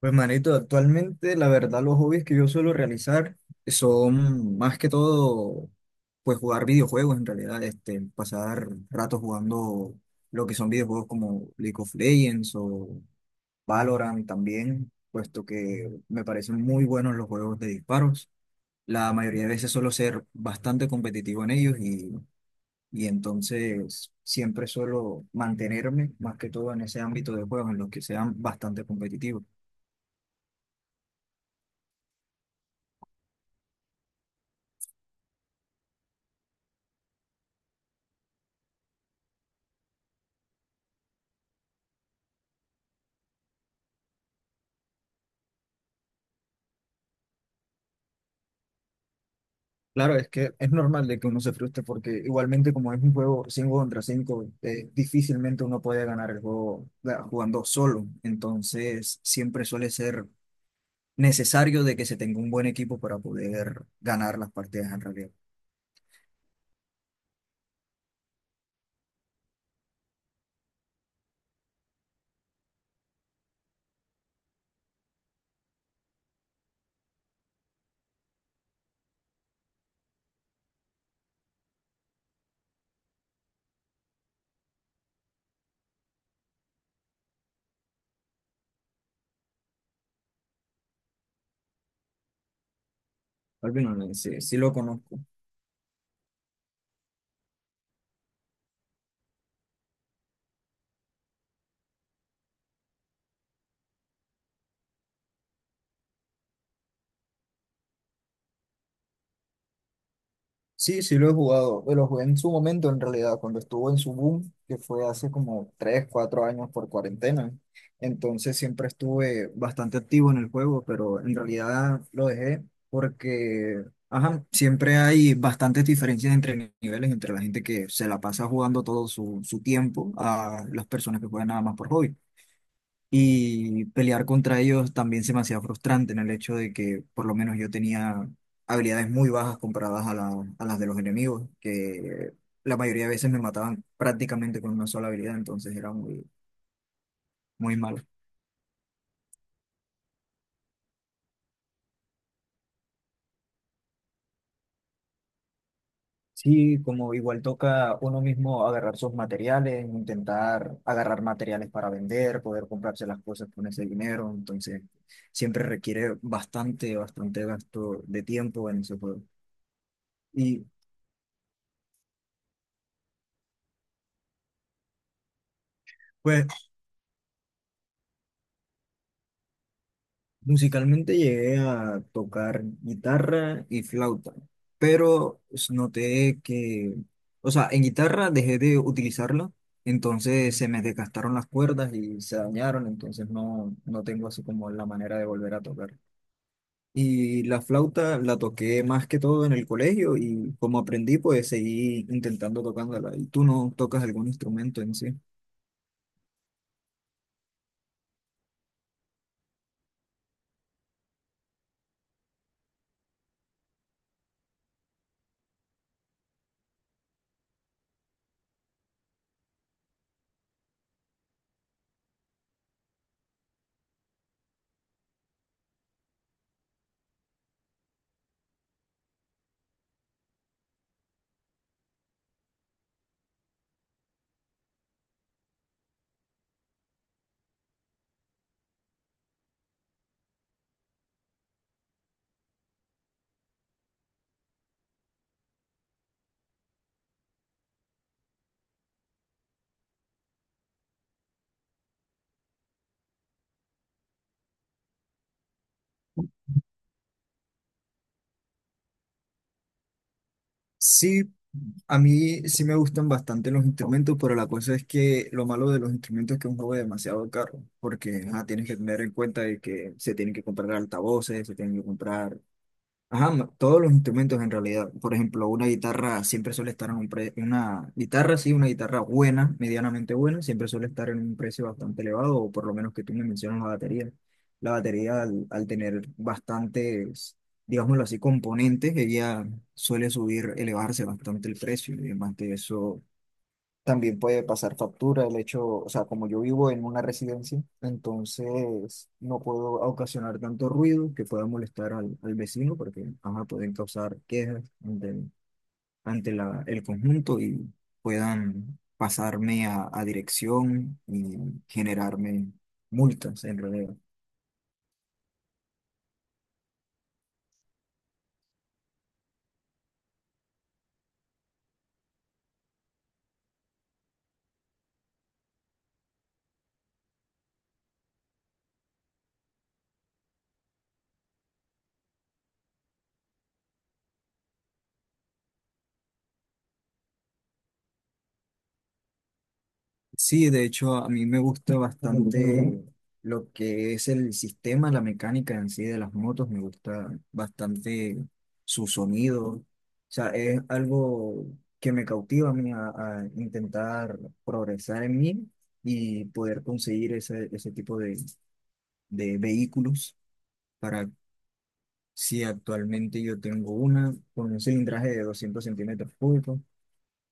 Pues manito, actualmente la verdad los hobbies que yo suelo realizar son más que todo pues jugar videojuegos en realidad, pasar ratos jugando lo que son videojuegos como League of Legends o Valorant también, puesto que me parecen muy buenos los juegos de disparos. La mayoría de veces suelo ser bastante competitivo en ellos y entonces siempre suelo mantenerme más que todo en ese ámbito de juegos en los que sean bastante competitivos. Claro, es que es normal de que uno se frustre porque igualmente como es un juego 5 contra 5, difícilmente uno puede ganar el juego jugando solo. Entonces, siempre suele ser necesario de que se tenga un buen equipo para poder ganar las partidas en realidad. Al menos, sí, sí lo conozco. Sí, sí lo he jugado, pero lo jugué en su momento, en realidad, cuando estuvo en su boom, que fue hace como 3, 4 años por cuarentena. Entonces siempre estuve bastante activo en el juego, pero en realidad lo dejé porque, ajá, siempre hay bastantes diferencias entre niveles, entre la gente que se la pasa jugando todo su tiempo a las personas que juegan nada más por hobby. Y pelear contra ellos también se me hacía frustrante en el hecho de que por lo menos yo tenía habilidades muy bajas comparadas a las de los enemigos, que la mayoría de veces me mataban prácticamente con una sola habilidad, entonces era muy, muy malo. Sí, como igual toca uno mismo agarrar sus materiales, intentar agarrar materiales para vender, poder comprarse las cosas con ese dinero, entonces siempre requiere bastante, bastante gasto de tiempo en ese juego. Y pues musicalmente llegué a tocar guitarra y flauta, pero noté que, o sea, en guitarra dejé de utilizarla, entonces se me desgastaron las cuerdas y se dañaron, entonces no, no tengo así como la manera de volver a tocar. Y la flauta la toqué más que todo en el colegio y como aprendí, pues seguí intentando tocándola. ¿Y tú no tocas algún instrumento en sí? Sí, a mí sí me gustan bastante los instrumentos, pero la cosa es que lo malo de los instrumentos es que es un juego demasiado caro, porque ajá, tienes que tener en cuenta de que se tienen que comprar altavoces, se tienen que comprar, ajá, todos los instrumentos en realidad. Por ejemplo, una guitarra siempre suele estar en un precio, una guitarra, sí, una guitarra buena, medianamente buena, siempre suele estar en un precio bastante elevado, o por lo menos que tú me mencionas la batería. La batería, al tener bastantes, digámoslo así, componentes, ella suele subir, elevarse bastante el precio. Y además de eso, también puede pasar factura el hecho, o sea, como yo vivo en una residencia, entonces no puedo ocasionar tanto ruido que pueda molestar al vecino porque ajá, pueden causar quejas ante el conjunto y puedan pasarme a dirección y generarme multas en realidad. Sí, de hecho, a mí me gusta bastante lo que es el sistema, la mecánica en sí de las motos, me gusta bastante su sonido. O sea, es algo que me cautiva a mí a intentar progresar en mí y poder conseguir ese tipo de vehículos para si actualmente yo tengo una con un cilindraje de 200 centímetros cúbicos.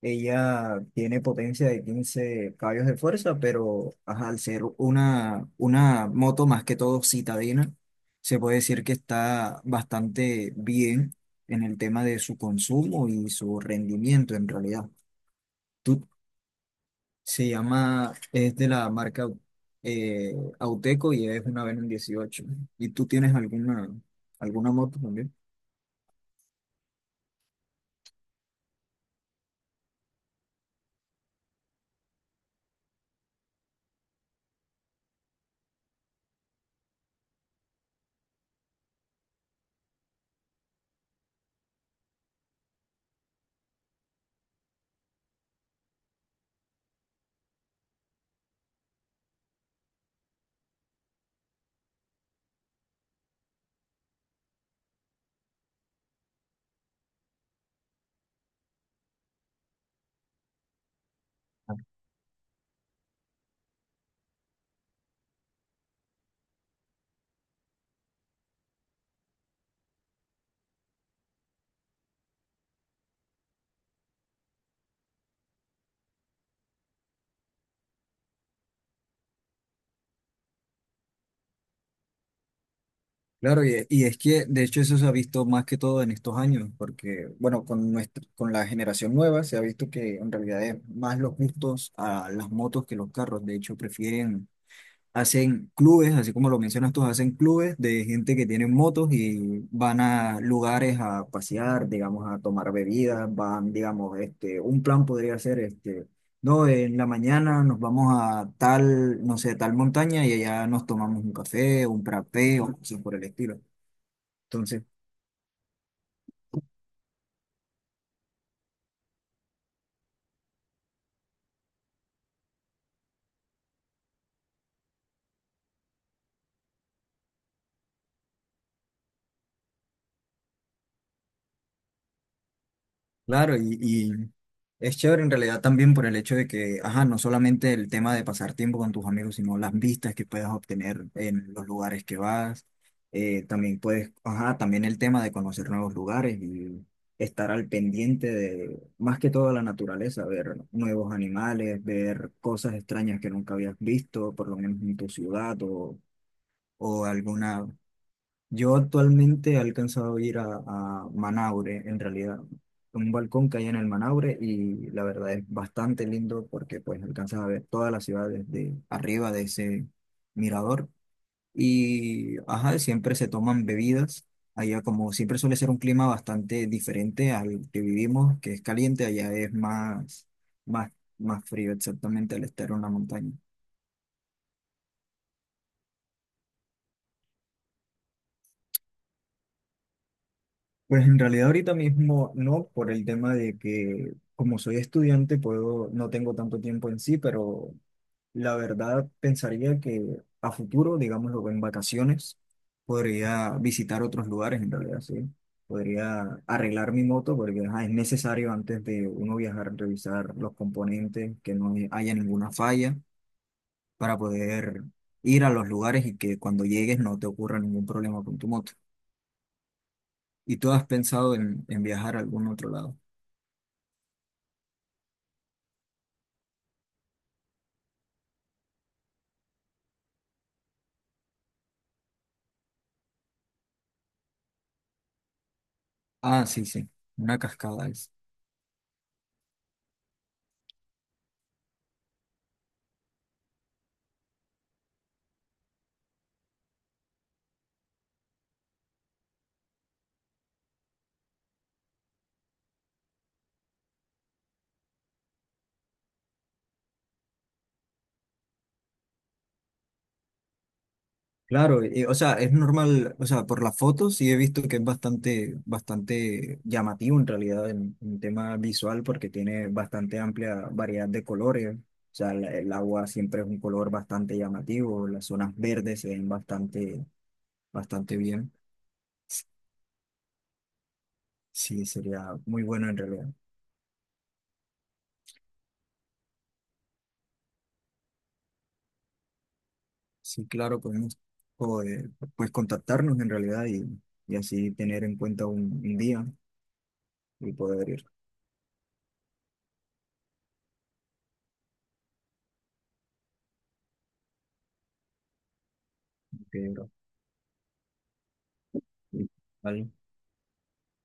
Ella tiene potencia de 15 caballos de fuerza, pero ajá, al ser una moto más que todo citadina, se puede decir que está bastante bien en el tema de su consumo y su rendimiento en realidad. Tú- Se llama, es de la marca eh, Auteco y es una Venom 18. ¿Y tú tienes alguna moto también? Claro, y es que de hecho eso se ha visto más que todo en estos años, porque bueno, con la generación nueva se ha visto que en realidad es más los gustos a las motos que los carros. De hecho, hacen clubes, así como lo mencionas tú, hacen clubes de gente que tiene motos y van a lugares a pasear, digamos, a tomar bebidas, van, digamos, un plan podría ser este. No, en la mañana nos vamos a tal, no sé, tal montaña y allá nos tomamos un café, un frappé o cosas por el estilo. Entonces, claro, y es chévere en realidad también por el hecho de que, ajá, no solamente el tema de pasar tiempo con tus amigos, sino las vistas que puedes obtener en los lugares que vas. También puedes, ajá, también el tema de conocer nuevos lugares y estar al pendiente de, más que todo, la naturaleza, ver nuevos animales, ver cosas extrañas que nunca habías visto, por lo menos en tu ciudad o alguna Yo actualmente he alcanzado a ir a Manaure, en realidad, un balcón que hay en el Manaure y la verdad es bastante lindo porque pues alcanzas a ver toda la ciudad desde arriba de ese mirador y ajá, siempre se toman bebidas. Allá como siempre suele ser un clima bastante diferente al que vivimos, que es caliente, allá es más, más, más frío exactamente al estar en una montaña. Pues en realidad ahorita mismo no, por el tema de que como soy estudiante no tengo tanto tiempo en sí, pero la verdad pensaría que a futuro, digámoslo en vacaciones, podría visitar otros lugares en realidad, sí. Podría arreglar mi moto porque ajá, es necesario antes de uno viajar revisar los componentes, que no haya ninguna falla para poder ir a los lugares y que cuando llegues no te ocurra ningún problema con tu moto. ¿Y tú has pensado en viajar a algún otro lado? Ah, sí, sí, una cascada es. Claro, o sea, es normal, o sea, por las fotos sí he visto que es bastante, bastante llamativo en realidad en tema visual porque tiene bastante amplia variedad de colores. O sea, el agua siempre es un color bastante llamativo, las zonas verdes se ven bastante, bastante bien. S- Sí, sería muy bueno en realidad. Sí, claro, podemos o, eh, pues contactarnos en realidad y así tener en cuenta un día y poder ir. Ok, vale.